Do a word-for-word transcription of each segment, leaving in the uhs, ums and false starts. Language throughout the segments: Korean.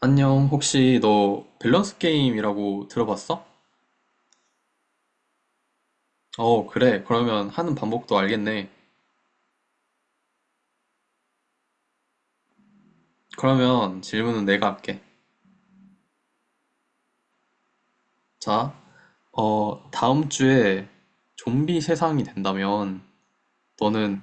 안녕, 혹시 너 밸런스 게임이라고 들어봤어? 어, 그래. 그러면 하는 방법도 알겠네. 그러면 질문은 내가 할게. 자, 어, 다음 주에 좀비 세상이 된다면 너는,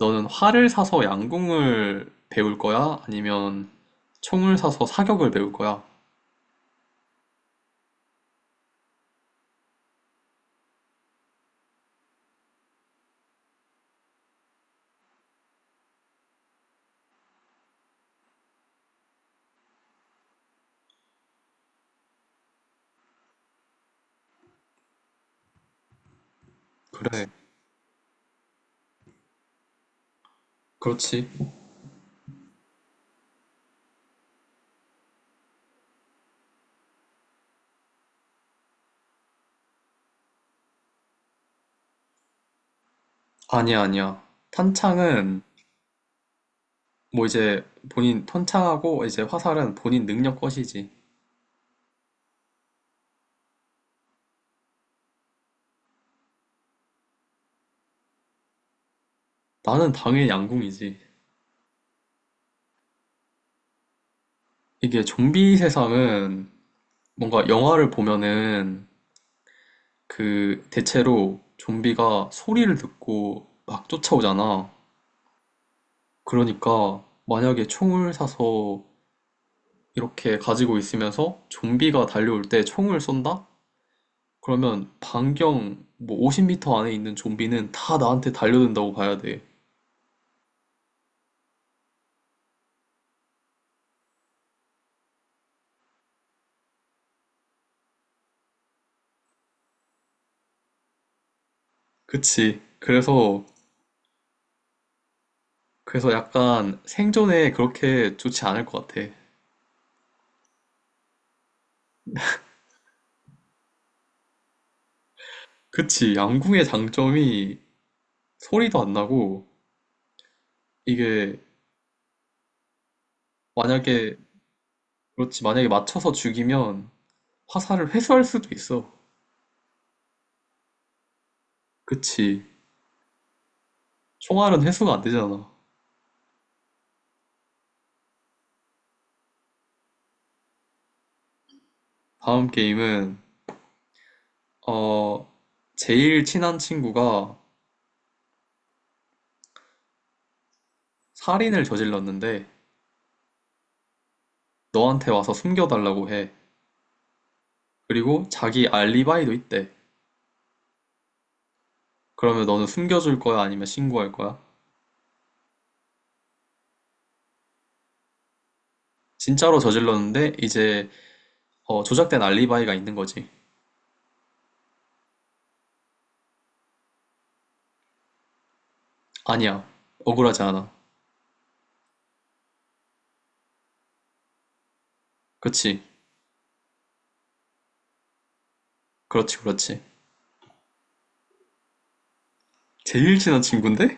너는 활을 사서 양궁을 배울 거야? 아니면 총을 사서 사격을 배울 거야? 그래. 그렇지. 아니야, 아니야. 탄창은 뭐 이제 본인 탄창하고 이제 화살은 본인 능력 것이지. 나는 당연히 양궁이지. 이게 좀비 세상은 뭔가 영화를 보면은 그 대체로 좀비가 소리를 듣고 막 쫓아오잖아. 그러니까 만약에 총을 사서 이렇게 가지고 있으면서 좀비가 달려올 때 총을 쏜다? 그러면 반경 뭐 오십 미터 안에 있는 좀비는 다 나한테 달려든다고 봐야 돼. 그치. 그래서, 그래서 약간 생존에 그렇게 좋지 않을 것 같아. 그치. 양궁의 장점이 소리도 안 나고 이게 만약에 그렇지 만약에 맞춰서 죽이면 화살을 회수할 수도 있어. 그치. 총알은 회수가 안 되잖아. 다음 게임은 어 제일 친한 친구가 살인을 저질렀는데 너한테 와서 숨겨달라고 해. 그리고 자기 알리바이도 있대. 그러면 너는 숨겨줄 거야 아니면 신고할 거야? 진짜로 저질렀는데 이제 어, 조작된 알리바이가 있는 거지. 아니야. 억울하지 않아. 그치. 그렇지, 그렇지. 제일 친한 친구인데?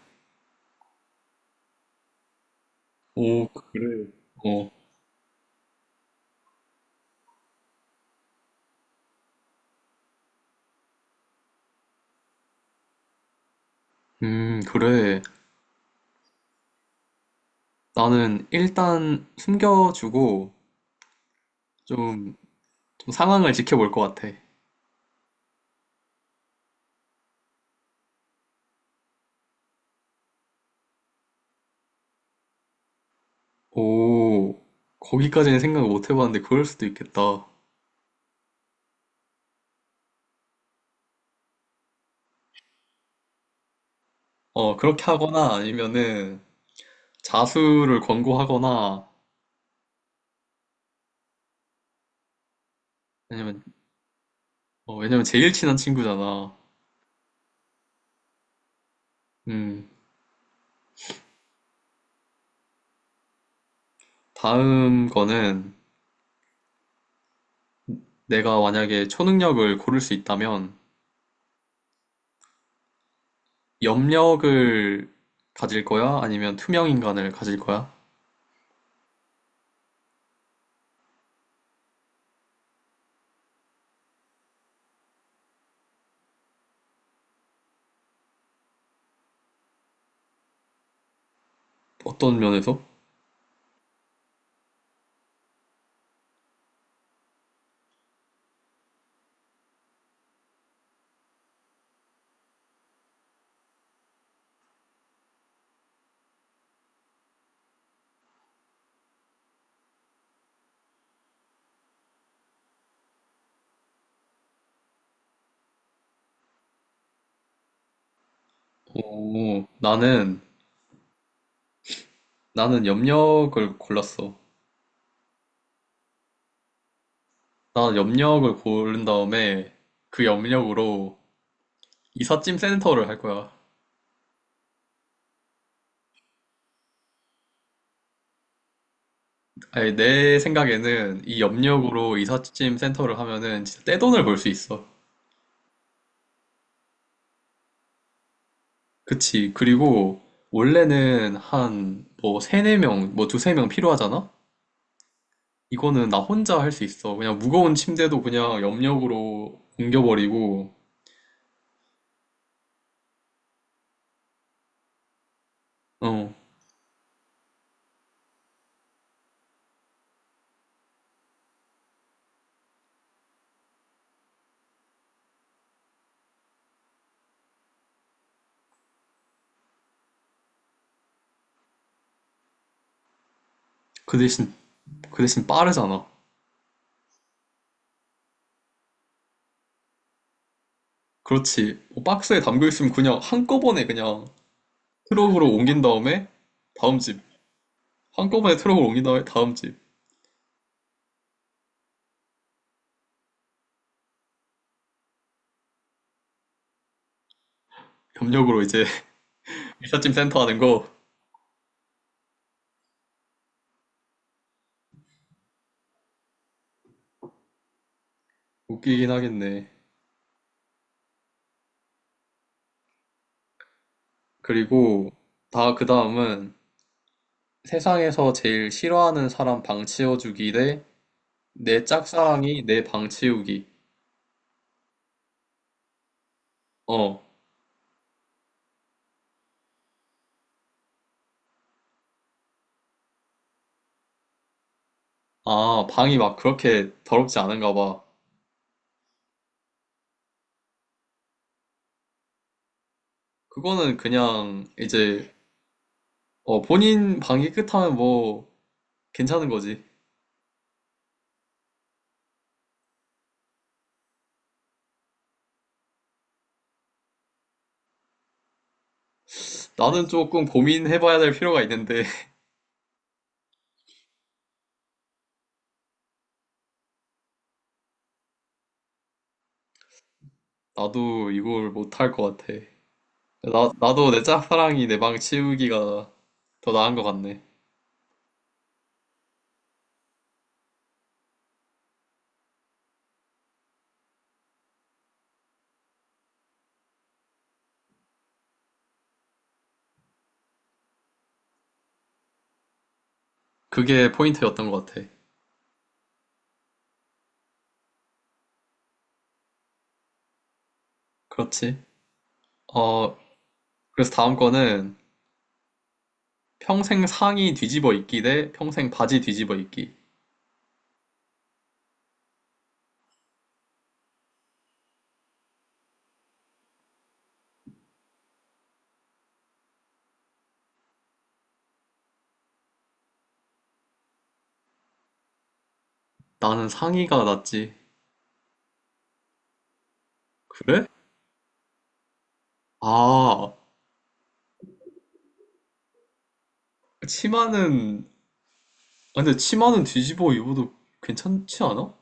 오, 그래. 어. 음, 그래. 나는 일단 숨겨주고 좀, 좀 상황을 지켜볼 것 같아. 오, 거기까지는 생각을 못 해봤는데 그럴 수도 있겠다. 어, 그렇게 하거나 아니면은 자수를 권고하거나 아니면, 어, 왜냐면 제일 친한 친구잖아. 음, 다음 거는 내가 만약에 초능력을 고를 수 있다면 염력을 가질 거야? 아니면 투명 인간을 가질 거야? 어떤 면에서? 오, 나는, 나는 염력을 골랐어. 나는 염력을 고른 다음에 그 염력으로 이삿짐 센터를 할 거야. 아니, 내 생각에는 이 염력으로 이삿짐 센터를 하면은 진짜 떼돈을 벌 수 있어. 그치. 그리고 원래는 한 뭐 세네 명, 뭐 두세 명 필요하잖아? 이거는 나 혼자 할 수 있어. 그냥 무거운 침대도 그냥 염력으로 옮겨버리고, 어, 그 대신, 그 대신 빠르잖아. 그렇지. 뭐 박스에 담겨 있으면 그냥 한꺼번에 그냥 트럭으로 옮긴 다음에 다음 집. 한꺼번에 트럭으로 옮긴 다음에 다음 집. 협력으로 이제 미사짐 센터 하는 거 웃기긴 하겠네. 그리고 다 그 다음은 세상에서 제일 싫어하는 사람 방 치워주기 대 내 짝사랑이 내 방 치우기. 어. 아, 방이 막 그렇게 더럽지 않은가 봐. 그거는 그냥 이제 어, 본인 방이 깨끗하면 뭐 괜찮은 거지. 나는 조금 고민해봐야 될 필요가 있는데, 나도 이걸 못할 것 같아. 나, 나도 내 짝사랑이 내 방 치우기가 더 나은 것 같네. 그게 포인트였던 것 같아. 그렇지. 어, 그래서 다음 거는 평생 상의 뒤집어 입기 대 평생 바지 뒤집어 입기. 나는 상의가 낫지. 그래? 아, 치마는, 아, 근데 치마는 뒤집어 입어도 괜찮지 않아?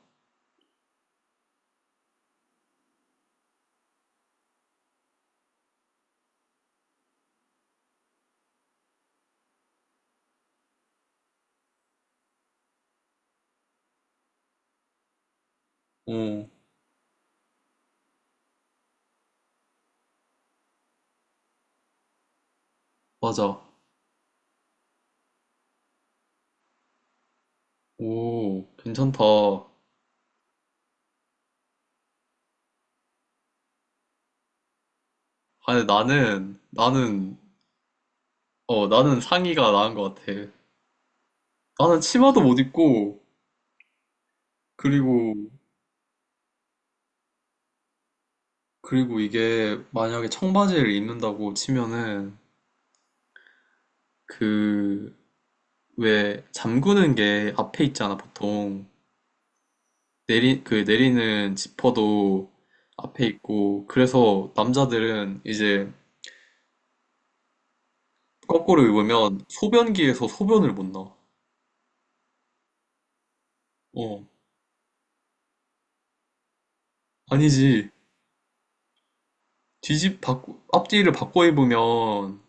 어, 맞아. 오, 괜찮다. 아니, 나는, 나는 어, 나는 상의가 나은 것 같아. 나는 치마도 못 입고, 그리고, 그리고 이게 만약에 청바지를 입는다고 치면은, 그, 왜, 잠그는 게 앞에 있잖아, 보통. 내리, 그 내리는 지퍼도 앞에 있고, 그래서 남자들은 이제 거꾸로 입으면 소변기에서 소변을 못 넣어. 어, 아니지. 뒤집, 바꾸, 앞뒤를 바꿔 입으면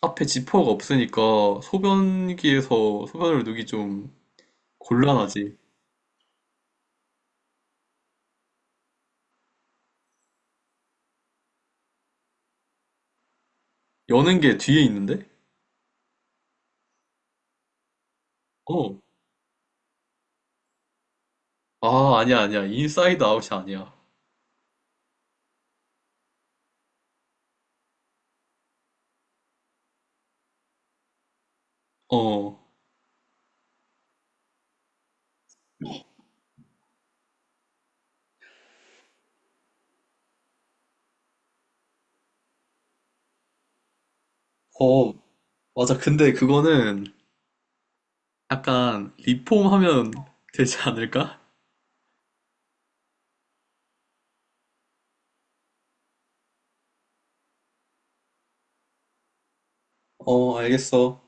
앞에 지퍼가 없으니까 소변기에서 소변을 누기 좀 곤란하지. 여는 게 뒤에 있는데? 어. 아, 아니야, 아니야. 인사이드 아웃이 아니야. 어. 어, 맞아. 근데 그거는 약간 리폼 하면 되지 않을까? 어, 알겠어.